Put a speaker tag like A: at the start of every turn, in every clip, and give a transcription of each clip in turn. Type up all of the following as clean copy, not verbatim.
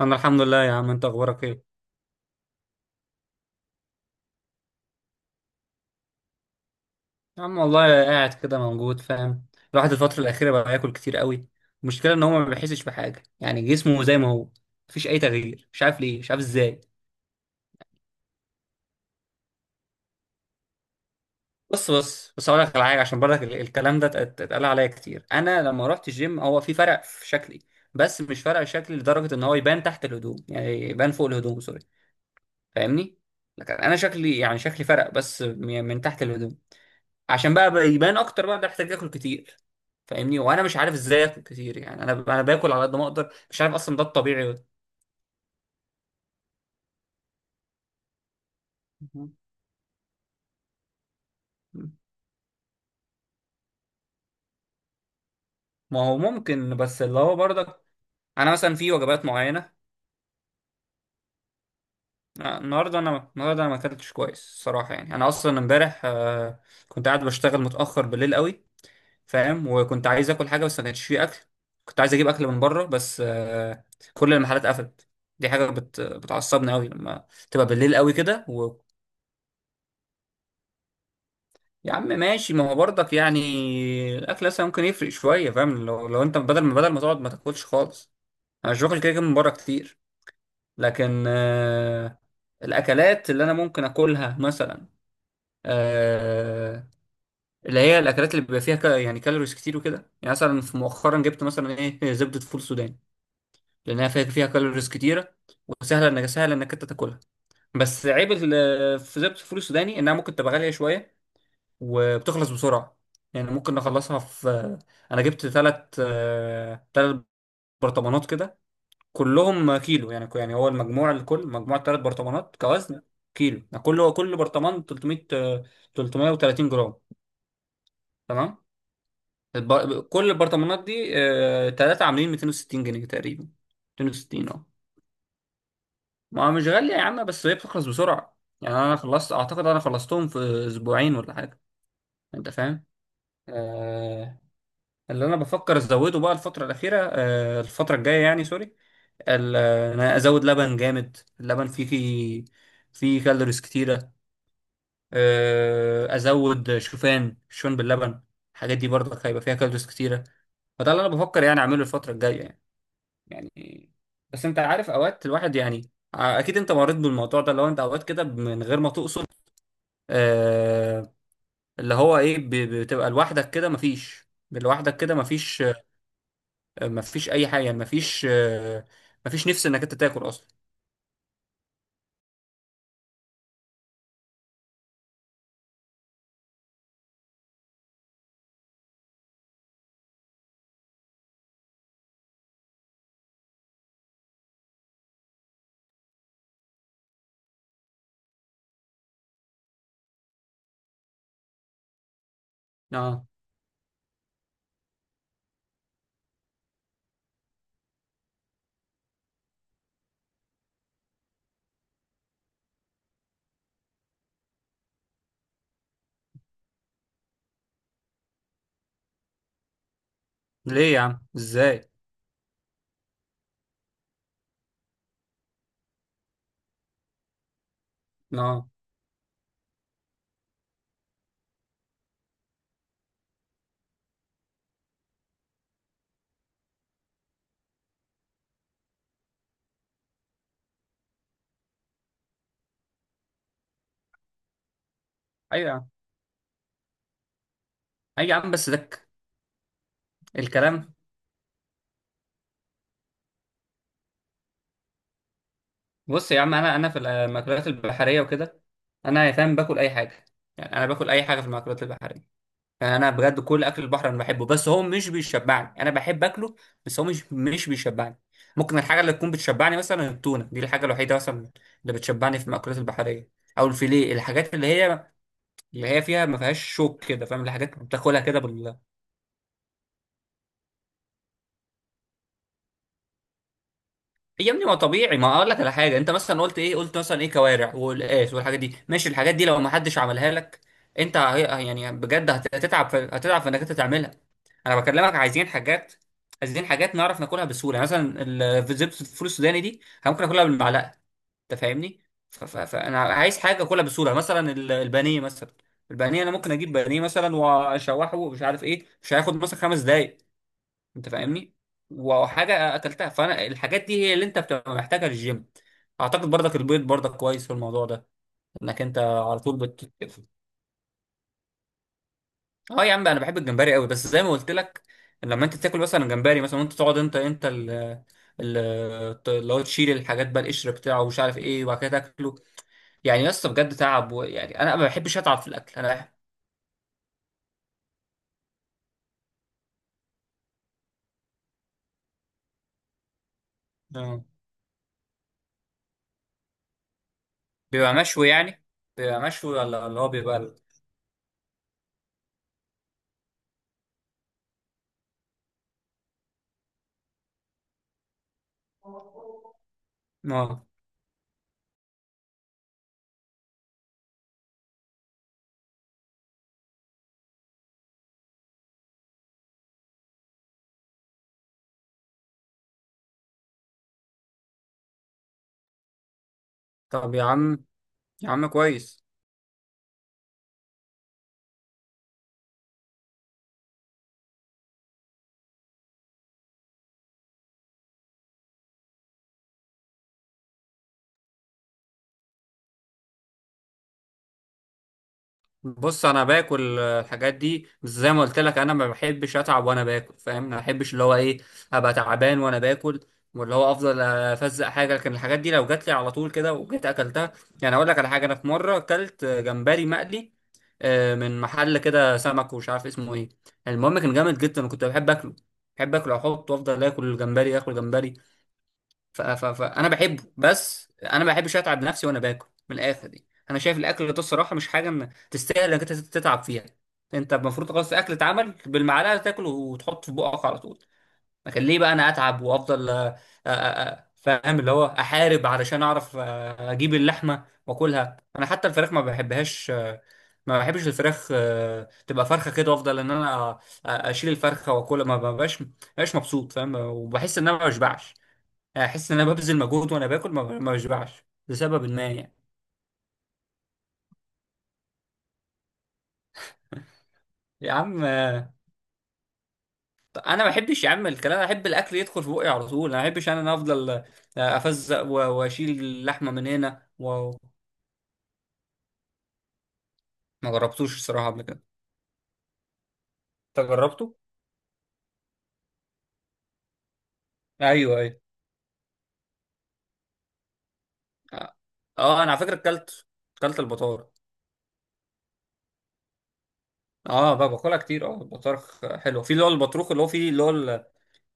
A: انا الحمد لله يا عم. انت اخبارك ايه؟ يا عم والله قاعد كده موجود، فاهم. الواحد الفتره الاخيره بقى ياكل كتير قوي. المشكله ان هو ما بيحسش بحاجه، يعني جسمه زي ما هو، مفيش اي تغيير. مش عارف ليه، مش عارف ازاي. بص بس اقول لك على حاجه، عشان برضك الكلام ده اتقال عليا كتير. انا لما رحت الجيم هو في فرق في شكلي، بس مش فرق شكلي لدرجه ان هو يبان تحت الهدوم، يعني يبان فوق الهدوم. سوري. فاهمني؟ لكن انا شكلي يعني شكلي فرق، بس من تحت الهدوم. عشان بقى يبان اكتر بقى، ده احتاج اكل كتير. فاهمني؟ وانا مش عارف ازاي اكل كتير، يعني انا باكل على قد ما اقدر. مش عارف اصلا ده الطبيعي مهم. ما هو ممكن، بس اللي هو برضك انا مثلا في وجبات معينه. النهارده، انا النهارده انا ما اكلتش كويس الصراحه. يعني انا اصلا امبارح كنت قاعد بشتغل متاخر بالليل قوي. فاهم؟ وكنت عايز اكل حاجه بس ما كانش فيه اكل. كنت عايز اجيب اكل من بره، بس كل المحلات قفلت. دي حاجه بتعصبني قوي لما تبقى بالليل قوي كده. يا عم ماشي، ما هو برضك يعني الاكل اصلا ممكن يفرق شويه. فاهم؟ لو انت بدل ما تقعد ما تاكلش خالص. انا مش باكل كده كده من بره كتير، لكن آه، الاكلات اللي انا ممكن اكلها مثلا، آه، اللي هي الاكلات اللي بيبقى فيها يعني كالوريز كتير وكده. يعني مثلا في مؤخرا جبت مثلا ايه، زبده فول سوداني، لانها فيها كالوريز كتيره، وسهله سهل انك انت تاكلها. بس عيب في زبده الفول السوداني انها ممكن تبقى غاليه شويه، وبتخلص بسرعة. يعني ممكن نخلصها في، أنا جبت تلات تلات برطمانات كده، كلهم كيلو. يعني يعني هو المجموع، الكل مجموع تلات برطمانات كوزن كيلو. يعني كل برطمان 300، 330 جرام. تمام. كل البرطمانات دي تلاتة عاملين 260 جنيه تقريبا. 260، اه. ما مش غالية يا عم، بس هي بتخلص بسرعة. يعني أنا خلصت، أعتقد أنا خلصتهم في أسبوعين ولا حاجة. أنت فاهم؟ آه، اللي انا بفكر ازوده بقى الفتره الاخيره، الفتره الجايه يعني. سوري. انا ازود لبن جامد. اللبن فيه فيه كالوريز كتيره. ازود شوفان، شوفان باللبن. الحاجات دي برضك هيبقى فيها كالوريز كتيره. فده اللي انا بفكر يعني اعمله الفتره الجايه يعني. يعني بس انت عارف اوقات الواحد يعني، اكيد انت مريت بالموضوع ده، لو انت اوقات كده من غير ما تقصد، آه، اللي هو ايه، بتبقى لوحدك كده مفيش، لوحدك كده مفيش ما فيش اي حاجه. يعني ما فيش، نفس انك انت تاكل اصلا. اه. ليه يا عم؟ ازاي؟ اه. ايوه يا عم. ايوه يا عم بس دك الكلام. بص يا عم، انا في المأكولات البحريه وكده انا يا فاهم باكل اي حاجه. يعني انا باكل اي حاجه في المأكولات البحريه. يعني انا بجد كل اكل البحر انا بحبه، بس هو مش بيشبعني. انا بحب اكله، بس هو مش بيشبعني. ممكن الحاجه اللي تكون بتشبعني مثلا التونه، دي الحاجه الوحيده مثلا اللي بتشبعني في المأكولات البحريه. او الفيليه، الحاجات اللي هي فيها ما فيهاش شوك كده. فاهم؟ اللي حاجات بتاكلها كده بال... هي يا ابني ما طبيعي. ما اقول لك على حاجه، انت مثلا قلت ايه؟ قلت مثلا ايه، كوارع والقاس والحاجات دي. ماشي، الحاجات دي لو ما حدش عملها لك انت يعني بجد هتتعب هتتعب في انك انت تعملها. انا بكلمك، عايزين حاجات نعرف ناكلها بسهوله. مثلا زبده الفول السوداني دي أنا ممكن اكلها بالمعلقه. انت فاهمني؟ فانا عايز حاجه اكلها بسهوله، مثلا البانيه مثلا. البانيه انا ممكن اجيب بانيه مثلا واشوحه، ومش عارف ايه، مش هياخد مثلا خمس دقايق. انت فاهمني؟ وحاجه اكلتها، فانا الحاجات دي هي اللي انت بتبقى محتاجها للجيم. اعتقد برضك البيض برضك كويس في الموضوع ده. انك انت على طول بت... اه يا عم، انا بحب الجمبري قوي، بس زي ما قلت لك، لما انت تاكل مثلا جمبري مثلا، وانت تقعد، ال- اللي هو تشيل الحاجات بقى، القشر بتاعه ومش عارف ايه، وبعد كده تاكله. يعني يا اسطى بجد تعب و... يعني انا ما بحبش اتعب في الاكل. انا بحب... آه. بيبقى مشوي يعني؟ بيبقى مشوي ولا اللي هو بيبقى؟ اه. طب يا عم، يا عم كويس. بص انا باكل الحاجات دي، بس زي ما قلت لك انا ما بحبش اتعب وانا باكل. فاهم؟ ما بحبش اللي هو ايه، ابقى تعبان وانا باكل. واللي هو افضل افزق حاجه. لكن الحاجات دي لو جات لي على طول كده وجيت اكلتها. يعني اقول لك على حاجه، انا في مره اكلت جمبري مقلي من محل كده سمك ومش عارف اسمه ايه. المهم كان جامد جدا وكنت بحب اكله. بحب اكله، احط وافضل اكل الجمبري، اكل جمبري. فانا بحبه، بس انا ما بحبش اتعب نفسي وانا باكل. من الاخر دي انا شايف الاكل ده الصراحه مش حاجه تستاهل انك انت تتعب فيها. انت المفروض خلاص الاكل اتعمل بالمعلقه، تاكله وتحط في بقك على طول. لكن ليه بقى انا اتعب وافضل فاهم اللي هو احارب علشان اعرف اجيب اللحمه واكلها. انا حتى الفراخ ما بحبهاش، ما بحبش الفراخ. تبقى فرخه كده وافضل ان انا اشيل الفرخه واكلها. ما ببقاش مبسوط. فاهم؟ وبحس ان انا ما بشبعش. احس ان انا ببذل مجهود وانا باكل، ما بشبعش لسبب ما يعني. يا عم طب انا ما بحبش يا عم الكلام. انا احب الاكل يدخل في بقي على طول. انا ما بحبش، انا افضل افزق و... واشيل اللحمه من هنا و... ما جربتوش الصراحه قبل كده. انت جربته؟ ايوه، ايوه. اه. انا على فكره اكلت، البطار... اه بقى باكلها كتير. اه، البطارخ حلو. في اللي هو البطروخ، اللي هو فيه اللي هو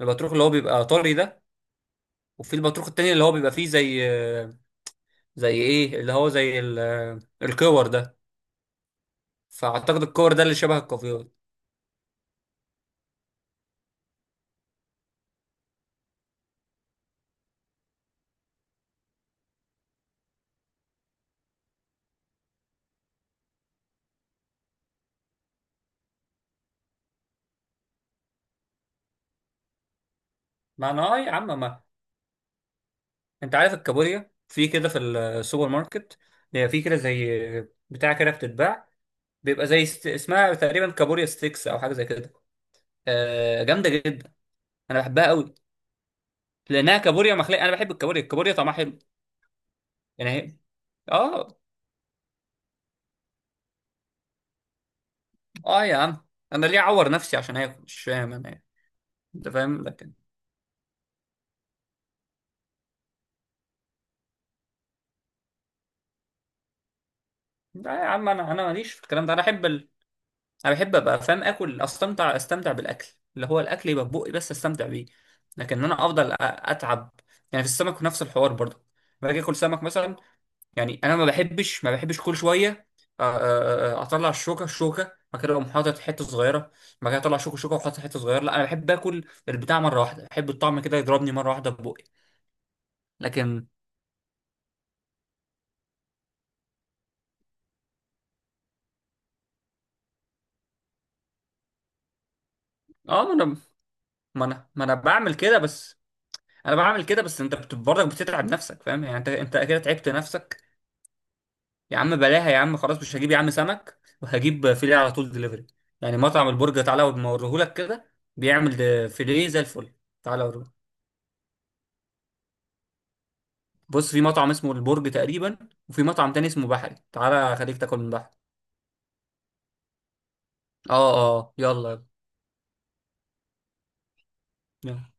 A: البطروخ اللي هو بيبقى طري ده، وفي البطروخ التاني اللي هو بيبقى فيه زي ايه، اللي هو زي الكور ده. فاعتقد الكور ده اللي شبه الكافيار. ما انا اه يا عم، ما انت عارف الكابوريا في كده في السوبر ماركت، هي في كده زي بتاع كده بتتباع. بيبقى زي ست... اسمها تقريبا كابوريا ستيكس او حاجه زي كده. آه، جامده جدا. انا بحبها قوي لانها كابوريا مخليه. انا بحب الكابوريا، الكابوريا طعمها حلو. يعني هي اه. اه يا عم، انا ليه اعور نفسي عشان اكل؟ مش فاهم انا إيه. انت فاهم؟ لكن لا يا عم، انا ماليش في الكلام ده. انا احب، انا بحب ابقى فاهم، اكل، استمتع بالاكل. اللي هو الاكل يبقى في بقي بس استمتع بيه. لكن انا افضل اتعب. يعني في السمك نفس الحوار برضه. باجي اكل سمك مثلا، يعني انا ما بحبش كل شويه اطلع الشوكه، بعد كده اقوم حاطط حته صغيره. بعد كده اطلع شوكه واحط حته صغيره. لا انا بحب اكل البتاع مره واحده. بحب الطعم كده يضربني مره واحده في بقي. لكن اه. ما انا بعمل كده. بس انا بعمل كده، بس انت برضك بتتعب نفسك. فاهم؟ يعني انت كده تعبت نفسك. يا عم بلاها يا عم، خلاص مش هجيب يا عم سمك، وهجيب فيليه على طول دليفري. يعني مطعم البرجر، تعالى اوريهولك كده، بيعمل ده فيليه زي الفل. تعالى اوريهولك. بص في مطعم اسمه البرج تقريبا، وفي مطعم تاني اسمه بحري، تعالى خليك تاكل من بحري. اه. اه يلا. يلا.